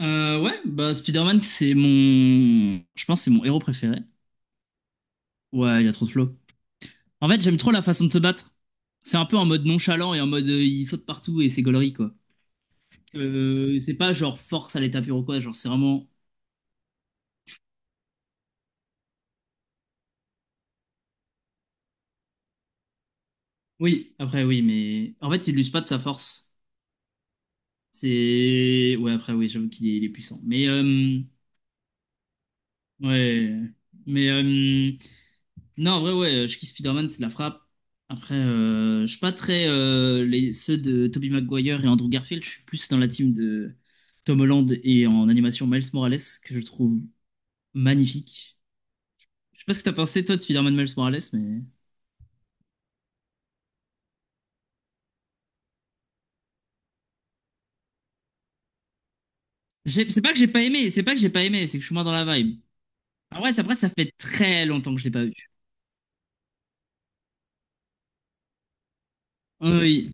Ouais, bah Spider-Man, c'est mon. Je pense que c'est mon héros préféré. Ouais, il a trop de flow. En fait, j'aime trop la façon de se battre. C'est un peu en mode nonchalant et en mode il saute partout et c'est gaulerie, quoi. C'est pas genre force à l'état pur ou quoi, genre c'est vraiment. Oui, après oui, mais. En fait, il use pas de sa force. C'est. Ouais, après oui, j'avoue qu'il est puissant. Mais. Ouais. Mais. Non, en vrai, ouais, je kiffe Spider-Man, c'est de la frappe. Après, je suis pas très. Ceux de Tobey Maguire et Andrew Garfield, je suis plus dans la team de Tom Holland et en animation Miles Morales, que je trouve magnifique. Je sais pas ce que t'as pensé, toi, de Spider-Man Miles Morales, mais. C'est pas que j'ai pas aimé, c'est pas que j'ai pas aimé, c'est que je suis moins dans la vibe. En vrai, après, ça fait très longtemps que je l'ai pas vu. Ah, oui,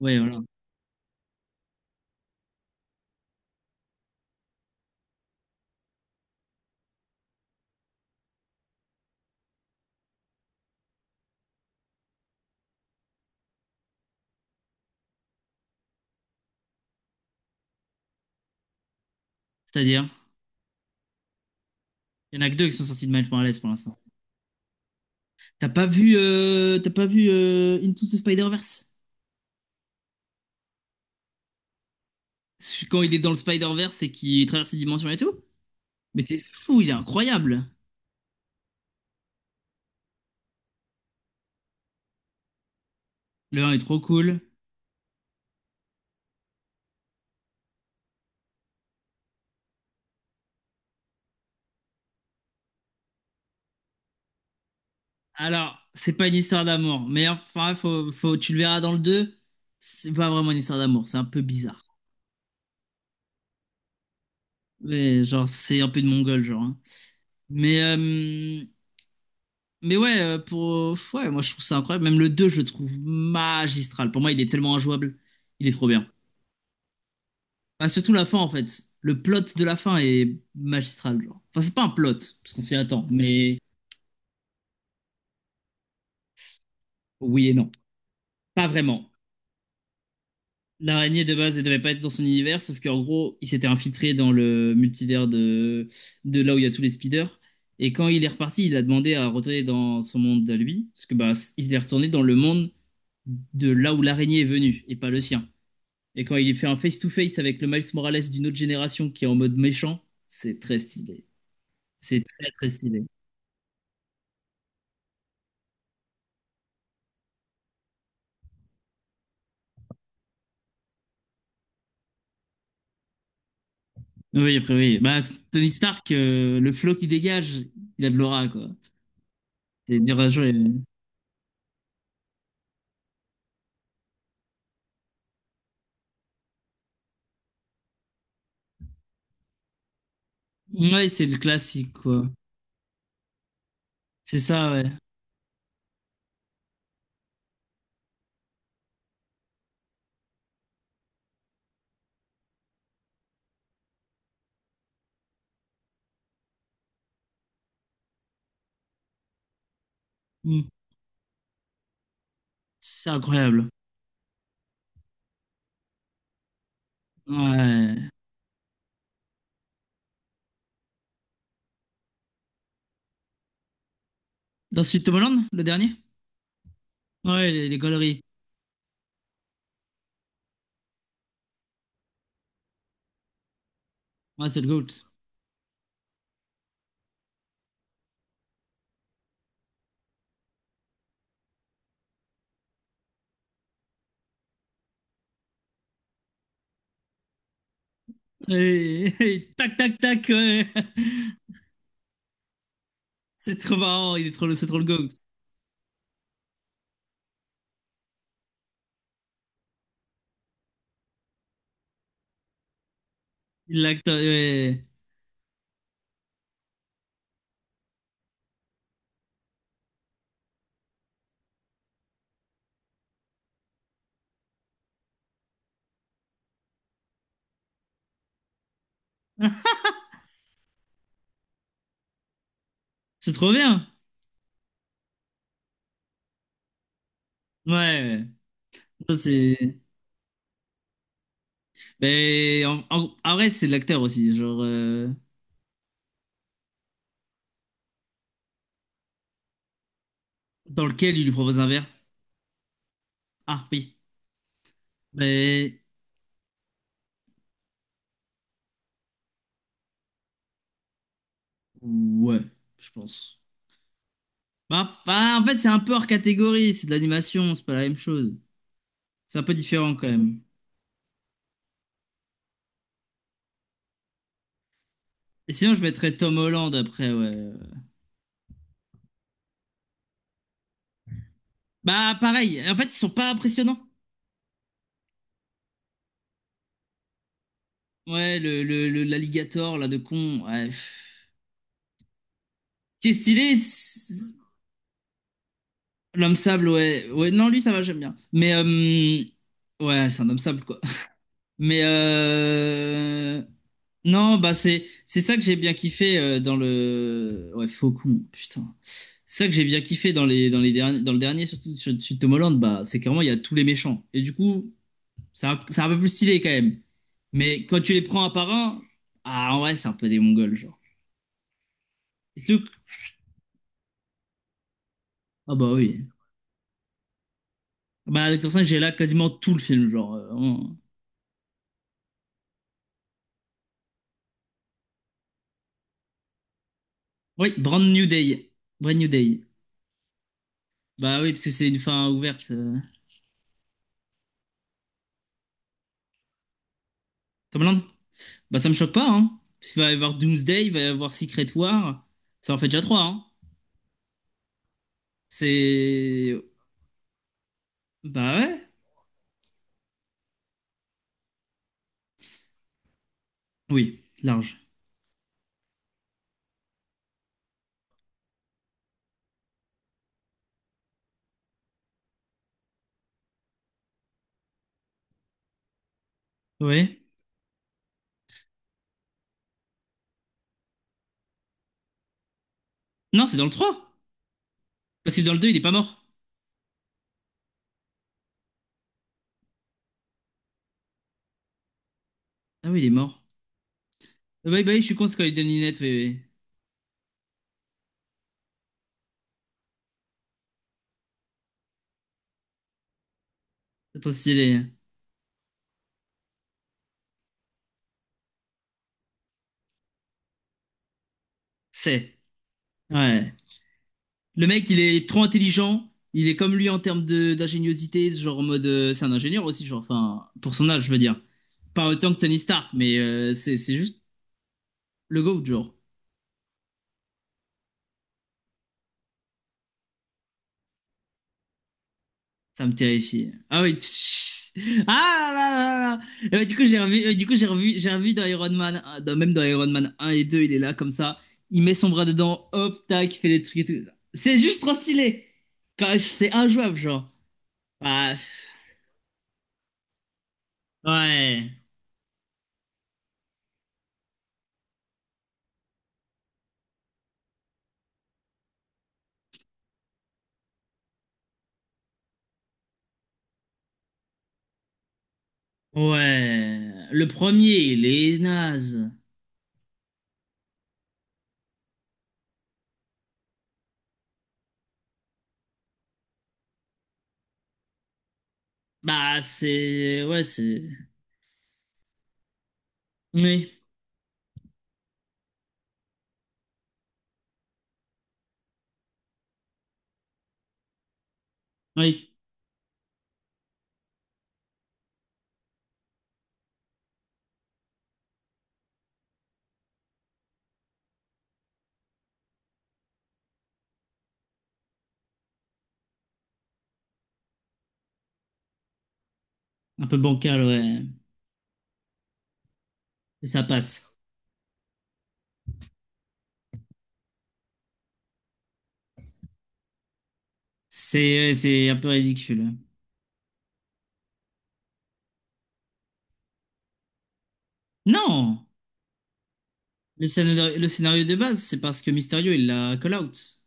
ouais, voilà. C'est-à-dire, il y en a que deux qui sont sortis de Miles Morales pour l'instant. T'as pas vu Into the Spider-Verse? Quand il est dans le Spider-Verse et qu'il traverse les dimensions et tout. Mais t'es fou, il est incroyable. Le 1 est trop cool. Alors, c'est pas une histoire d'amour, mais enfin, faut, tu le verras dans le 2. C'est pas vraiment une histoire d'amour, c'est un peu bizarre. Mais genre, c'est un peu de mongol, genre. Hein. Mais, euh, mais ouais, pour, ouais, moi je trouve ça incroyable. Même le 2, je le trouve magistral. Pour moi, il est tellement injouable. Il est trop bien. Bah, surtout la fin, en fait. Le plot de la fin est magistral, genre. Enfin, c'est pas un plot, parce qu'on s'y attend, mais oui et non. Pas vraiment. L'araignée de base, elle devait pas être dans son univers, sauf qu'en gros, il s'était infiltré dans le multivers de là où il y a tous les speeders. Et quand il est reparti, il a demandé à retourner dans son monde à lui, parce que bah, il est retourné dans le monde de là où l'araignée est venue, et pas le sien. Et quand il fait un face-to-face avec le Miles Morales d'une autre génération qui est en mode méchant, c'est très stylé. C'est très très stylé. Oui, après oui. Bah, Tony Stark, le flow qu'il dégage, il a de l'aura, quoi. C'est dur à jouer. Ouais, c'est le classique, quoi. C'est ça, ouais. Mm. C'est incroyable. Ouais. Dans Sud Tomorrowland, le dernier? Ouais, les galeries. Ouais, c'est le GOAT. Tac, tac, tac, ouais. C'est trop marrant, il est trop, c'est trop le GOAT. Il l'acte, ouais. C'est trop bien. Ouais, ouais. Ça, c'est. Mais en vrai, c'est l'acteur aussi, genre, dans lequel il lui propose un verre. Ah, oui. Mais. Ouais, je pense. Bah, bah, en fait, c'est un peu hors catégorie, c'est de l'animation, c'est pas la même chose. C'est un peu différent quand même. Et sinon, je mettrais Tom Holland après, ouais. Bah, pareil. En fait, ils sont pas impressionnants. Ouais, l'alligator, là, de con. Ouais. Qui est stylé, l'homme sable, ouais. Ouais, non, lui, ça va, j'aime bien. Mais, ouais, c'est un homme sable, quoi. Mais. Non, bah, c'est ça que j'ai bien kiffé dans le. Ouais, Faucon, putain. C'est ça que j'ai bien kiffé dans les derniers, dans le dernier, surtout sur Tom Holland, bah, c'est carrément, il y a tous les méchants. Et du coup. C'est un peu plus stylé quand même. Mais quand tu les prends un par un, ah, en vrai, c'est un peu des Mongols, genre. Et tout. Ah, bah oui. Ah, bah, avec ça, j'ai là quasiment tout le film, genre. Vraiment. Oui, Brand New Day. Brand New Day. Bah oui, parce que c'est une fin ouverte. Tomland. Bah, ça me choque pas, hein. Parce qu'il va y avoir Doomsday, il va y avoir Secret War. Ça en fait déjà trois, hein. C'est. Bah ouais. Oui, large. Ouais. Non, c'est dans le trois. Parce que dans le deux il est pas mort. Ah oui, il est mort. Ah, bah oui, je suis con, c'est quand il donne une lunette, oui, oui. C'est trop stylé. C'est. Ouais. Le mec, il est trop intelligent. Il est comme lui en termes de d'ingéniosité, genre en mode. C'est un ingénieur aussi, genre. Enfin, pour son âge, je veux dire. Pas autant que Tony Stark, mais c'est juste le GOAT, genre. Ça me terrifie. Ah oui. Ah là là là là. J'ai revu dans Iron Man, même dans Iron Man un et 2, il est là comme ça. Il met son bras dedans, hop, tac, il fait les trucs et tout. C'est juste trop stylé. C'est injouable, genre. Ah, ouais. Ouais, le premier, il est naze. Bah, c'est. Ouais, c'est. Oui, oui, un peu bancal, ouais. Et ça passe. C'est ouais, c'est un peu ridicule. Non! Le scénario de base, c'est parce que Mysterio, il l'a call out.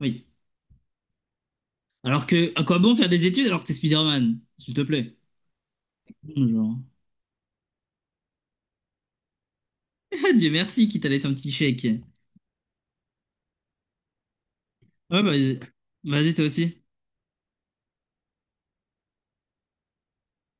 Oui. Alors que, à quoi bon faire des études alors que t'es Spider-Man? S'il te plaît. Genre. Dieu merci qu'il t'a laissé un petit chèque. Ouais, bah, vas-y, vas-y, toi aussi.